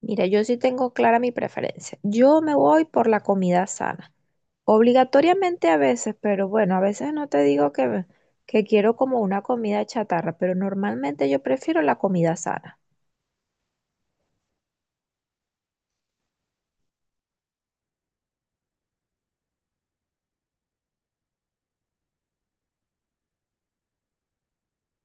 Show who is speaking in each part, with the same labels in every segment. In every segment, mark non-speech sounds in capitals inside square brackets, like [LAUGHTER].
Speaker 1: Mira, yo sí tengo clara mi preferencia. Yo me voy por la comida sana. Obligatoriamente a veces, pero bueno, a veces no te digo que quiero como una comida chatarra, pero normalmente yo prefiero la comida sana.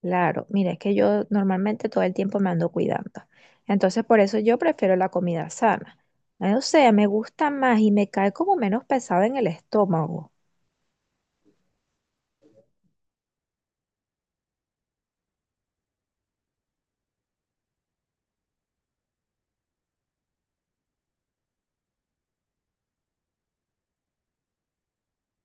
Speaker 1: Claro, mira, es que yo normalmente todo el tiempo me ando cuidando. Entonces, por eso yo prefiero la comida sana. O sea, me gusta más y me cae como menos pesado en el estómago.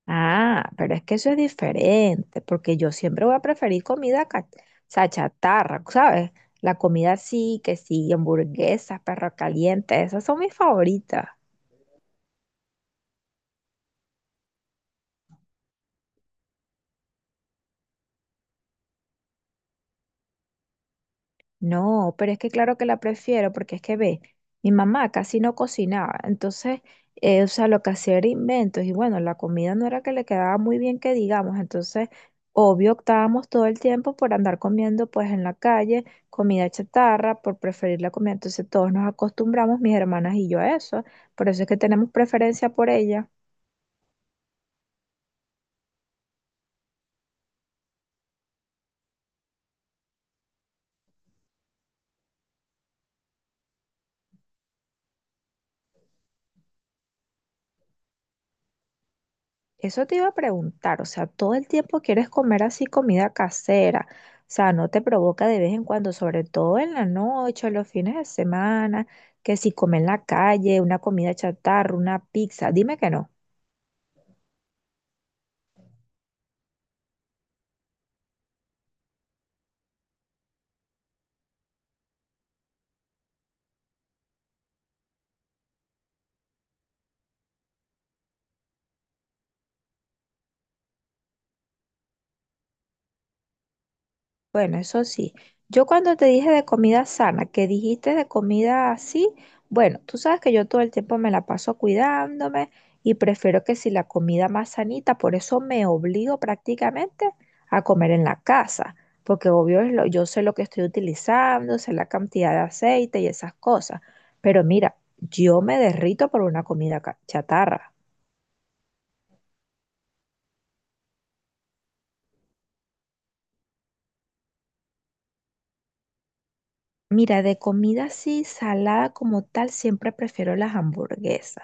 Speaker 1: Ah, pero es que eso es diferente, porque yo siempre voy a preferir comida, o sea, chatarra, ¿sabes? La comida sí, que sí, hamburguesas, perro caliente, esas son mis favoritas. No, pero es que claro que la prefiero porque es que ve, mi mamá casi no cocinaba, entonces, o sea, lo que hacía era inventos y bueno, la comida no era que le quedaba muy bien que digamos, entonces, obvio, optábamos todo el tiempo por andar comiendo pues en la calle, comida chatarra, por preferir la comida, entonces todos nos acostumbramos, mis hermanas y yo a eso, por eso es que tenemos preferencia por ella. Eso te iba a preguntar, o sea, todo el tiempo quieres comer así comida casera, o sea, no te provoca de vez en cuando, sobre todo en la noche, o los fines de semana, que si comes en la calle, una comida chatarra, una pizza, dime que no. Bueno, eso sí. Yo cuando te dije de comida sana, que dijiste de comida así, bueno, tú sabes que yo todo el tiempo me la paso cuidándome y prefiero que si la comida más sanita, por eso me obligo prácticamente a comer en la casa, porque obvio es yo sé lo que estoy utilizando, sé la cantidad de aceite y esas cosas, pero mira, yo me derrito por una comida chatarra. Mira, de comida así, salada como tal, siempre prefiero las hamburguesas.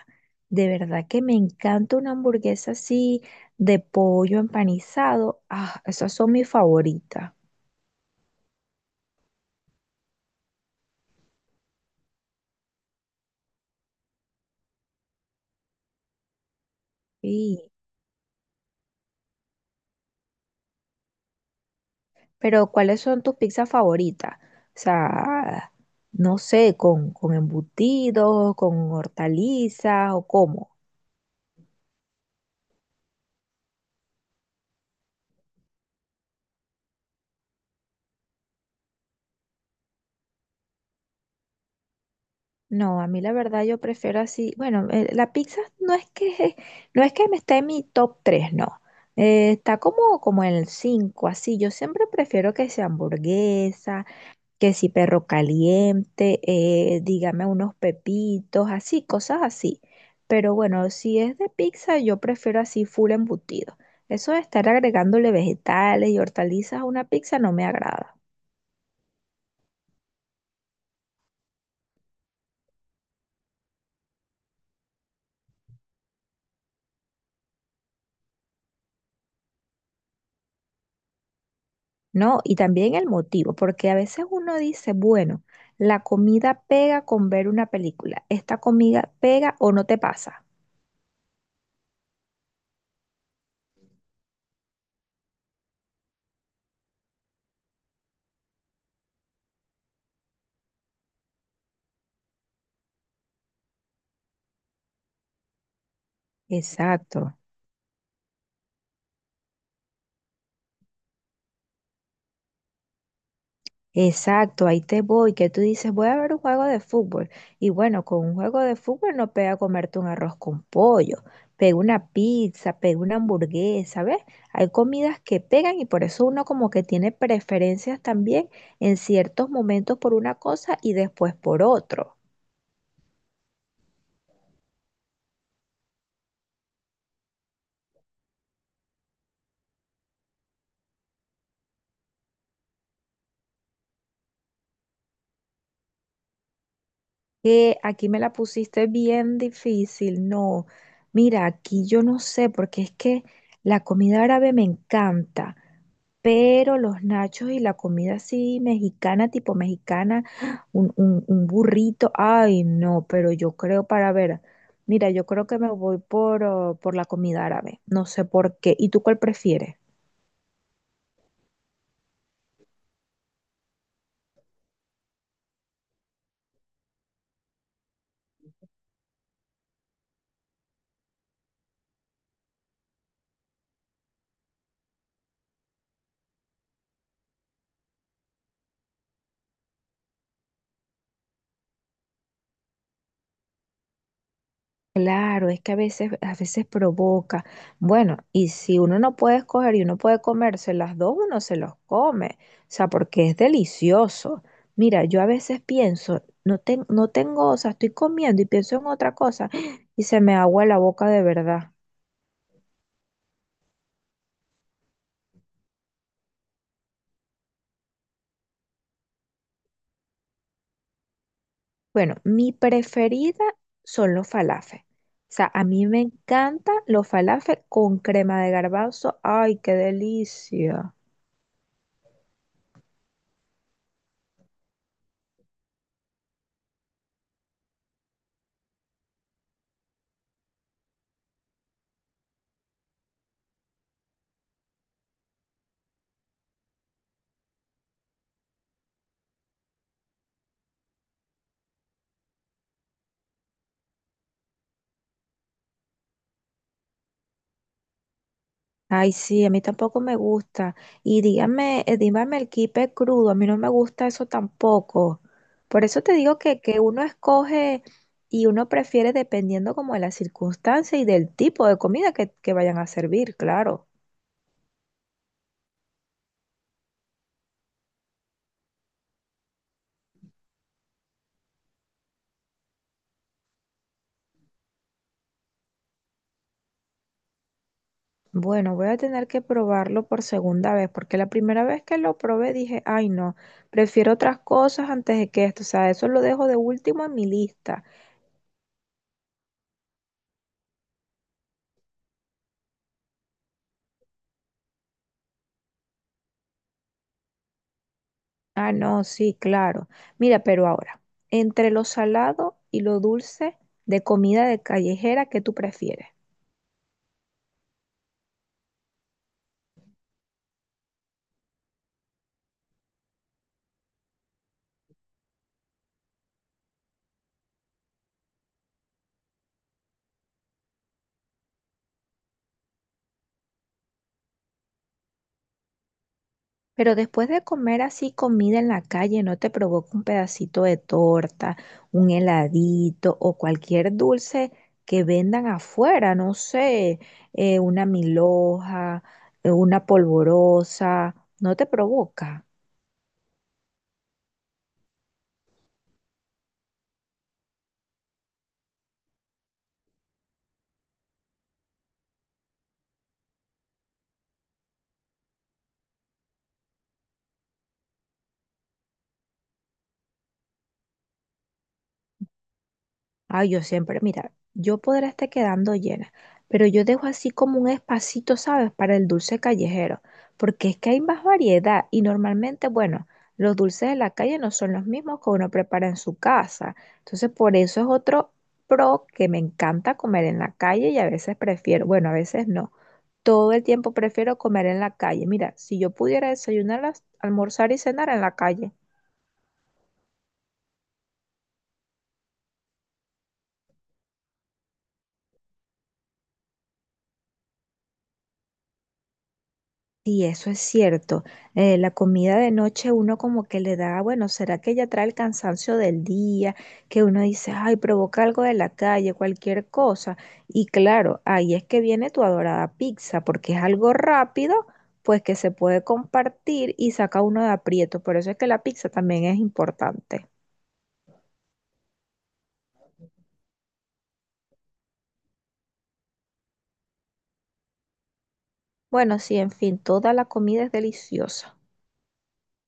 Speaker 1: De verdad que me encanta una hamburguesa así de pollo empanizado. Ah, esas son mis favoritas. Sí. Pero ¿cuáles son tus pizzas favoritas? O sea, no sé, con embutidos, con hortalizas o cómo. No, a mí la verdad yo prefiero así. Bueno, la pizza no es que [LAUGHS] no es que me esté en mi top 3, no. Está como en el 5, así. Yo siempre prefiero que sea hamburguesa, que si perro caliente, dígame unos pepitos, así, cosas así. Pero bueno, si es de pizza, yo prefiero así full embutido. Eso de estar agregándole vegetales y hortalizas a una pizza no me agrada. No, y también el motivo, porque a veces uno dice, bueno, la comida pega con ver una película, esta comida pega o no te pasa. Exacto, exacto, ahí te voy, que tú dices, voy a ver un juego de fútbol. Y bueno, con un juego de fútbol no pega comerte un arroz con pollo, pega una pizza, pega una hamburguesa, ¿ves? Hay comidas que pegan y por eso uno como que tiene preferencias también en ciertos momentos por una cosa y después por otro. Que aquí me la pusiste bien difícil. No, mira, aquí yo no sé, porque es que la comida árabe me encanta, pero los nachos y la comida así mexicana, tipo mexicana, un burrito, ay, no, pero yo creo para ver, mira, yo creo que me voy por, oh, por la comida árabe, no sé por qué. ¿Y tú cuál prefieres? Claro, es que a veces provoca. Bueno, y si uno no puede escoger y uno puede comerse las dos, uno se los come. O sea, porque es delicioso. Mira, yo a veces pienso, no, no tengo, o sea, estoy comiendo y pienso en otra cosa [GASPS] y se me agua la boca de verdad. Bueno, mi preferida son los falafel. O sea, a mí me encantan los falafel con crema de garbanzo. ¡Ay, qué delicia! Ay, sí, a mí tampoco me gusta. Y dígame, dígame el kipe crudo, a mí no me gusta eso tampoco. Por eso te digo que uno escoge y uno prefiere dependiendo como de la circunstancia y del tipo de comida que vayan a servir, claro. Bueno, voy a tener que probarlo por segunda vez, porque la primera vez que lo probé dije, ay no, prefiero otras cosas antes de que esto, o sea, eso lo dejo de último en mi lista. Ah, no, sí, claro. Mira, pero ahora, entre lo salado y lo dulce de comida de callejera, ¿qué tú prefieres? Pero después de comer así comida en la calle, ¿no te provoca un pedacito de torta, un heladito o cualquier dulce que vendan afuera? No sé, una milhoja, una polvorosa, ¿no te provoca? Ay, yo siempre, mira, yo podré estar quedando llena, pero yo dejo así como un espacito, ¿sabes? Para el dulce callejero, porque es que hay más variedad y normalmente, bueno, los dulces de la calle no son los mismos que uno prepara en su casa. Entonces, por eso es otro pro que me encanta comer en la calle y a veces prefiero, bueno, a veces no. Todo el tiempo prefiero comer en la calle. Mira, si yo pudiera desayunar, almorzar y cenar en la calle. Sí, eso es cierto. La comida de noche uno como que le da, bueno, ¿será que ya trae el cansancio del día? Que uno dice, ay, provoca algo de la calle, cualquier cosa. Y claro, ahí es que viene tu adorada pizza, porque es algo rápido, pues que se puede compartir y saca uno de aprieto. Por eso es que la pizza también es importante. Bueno, sí, en fin, toda la comida es deliciosa.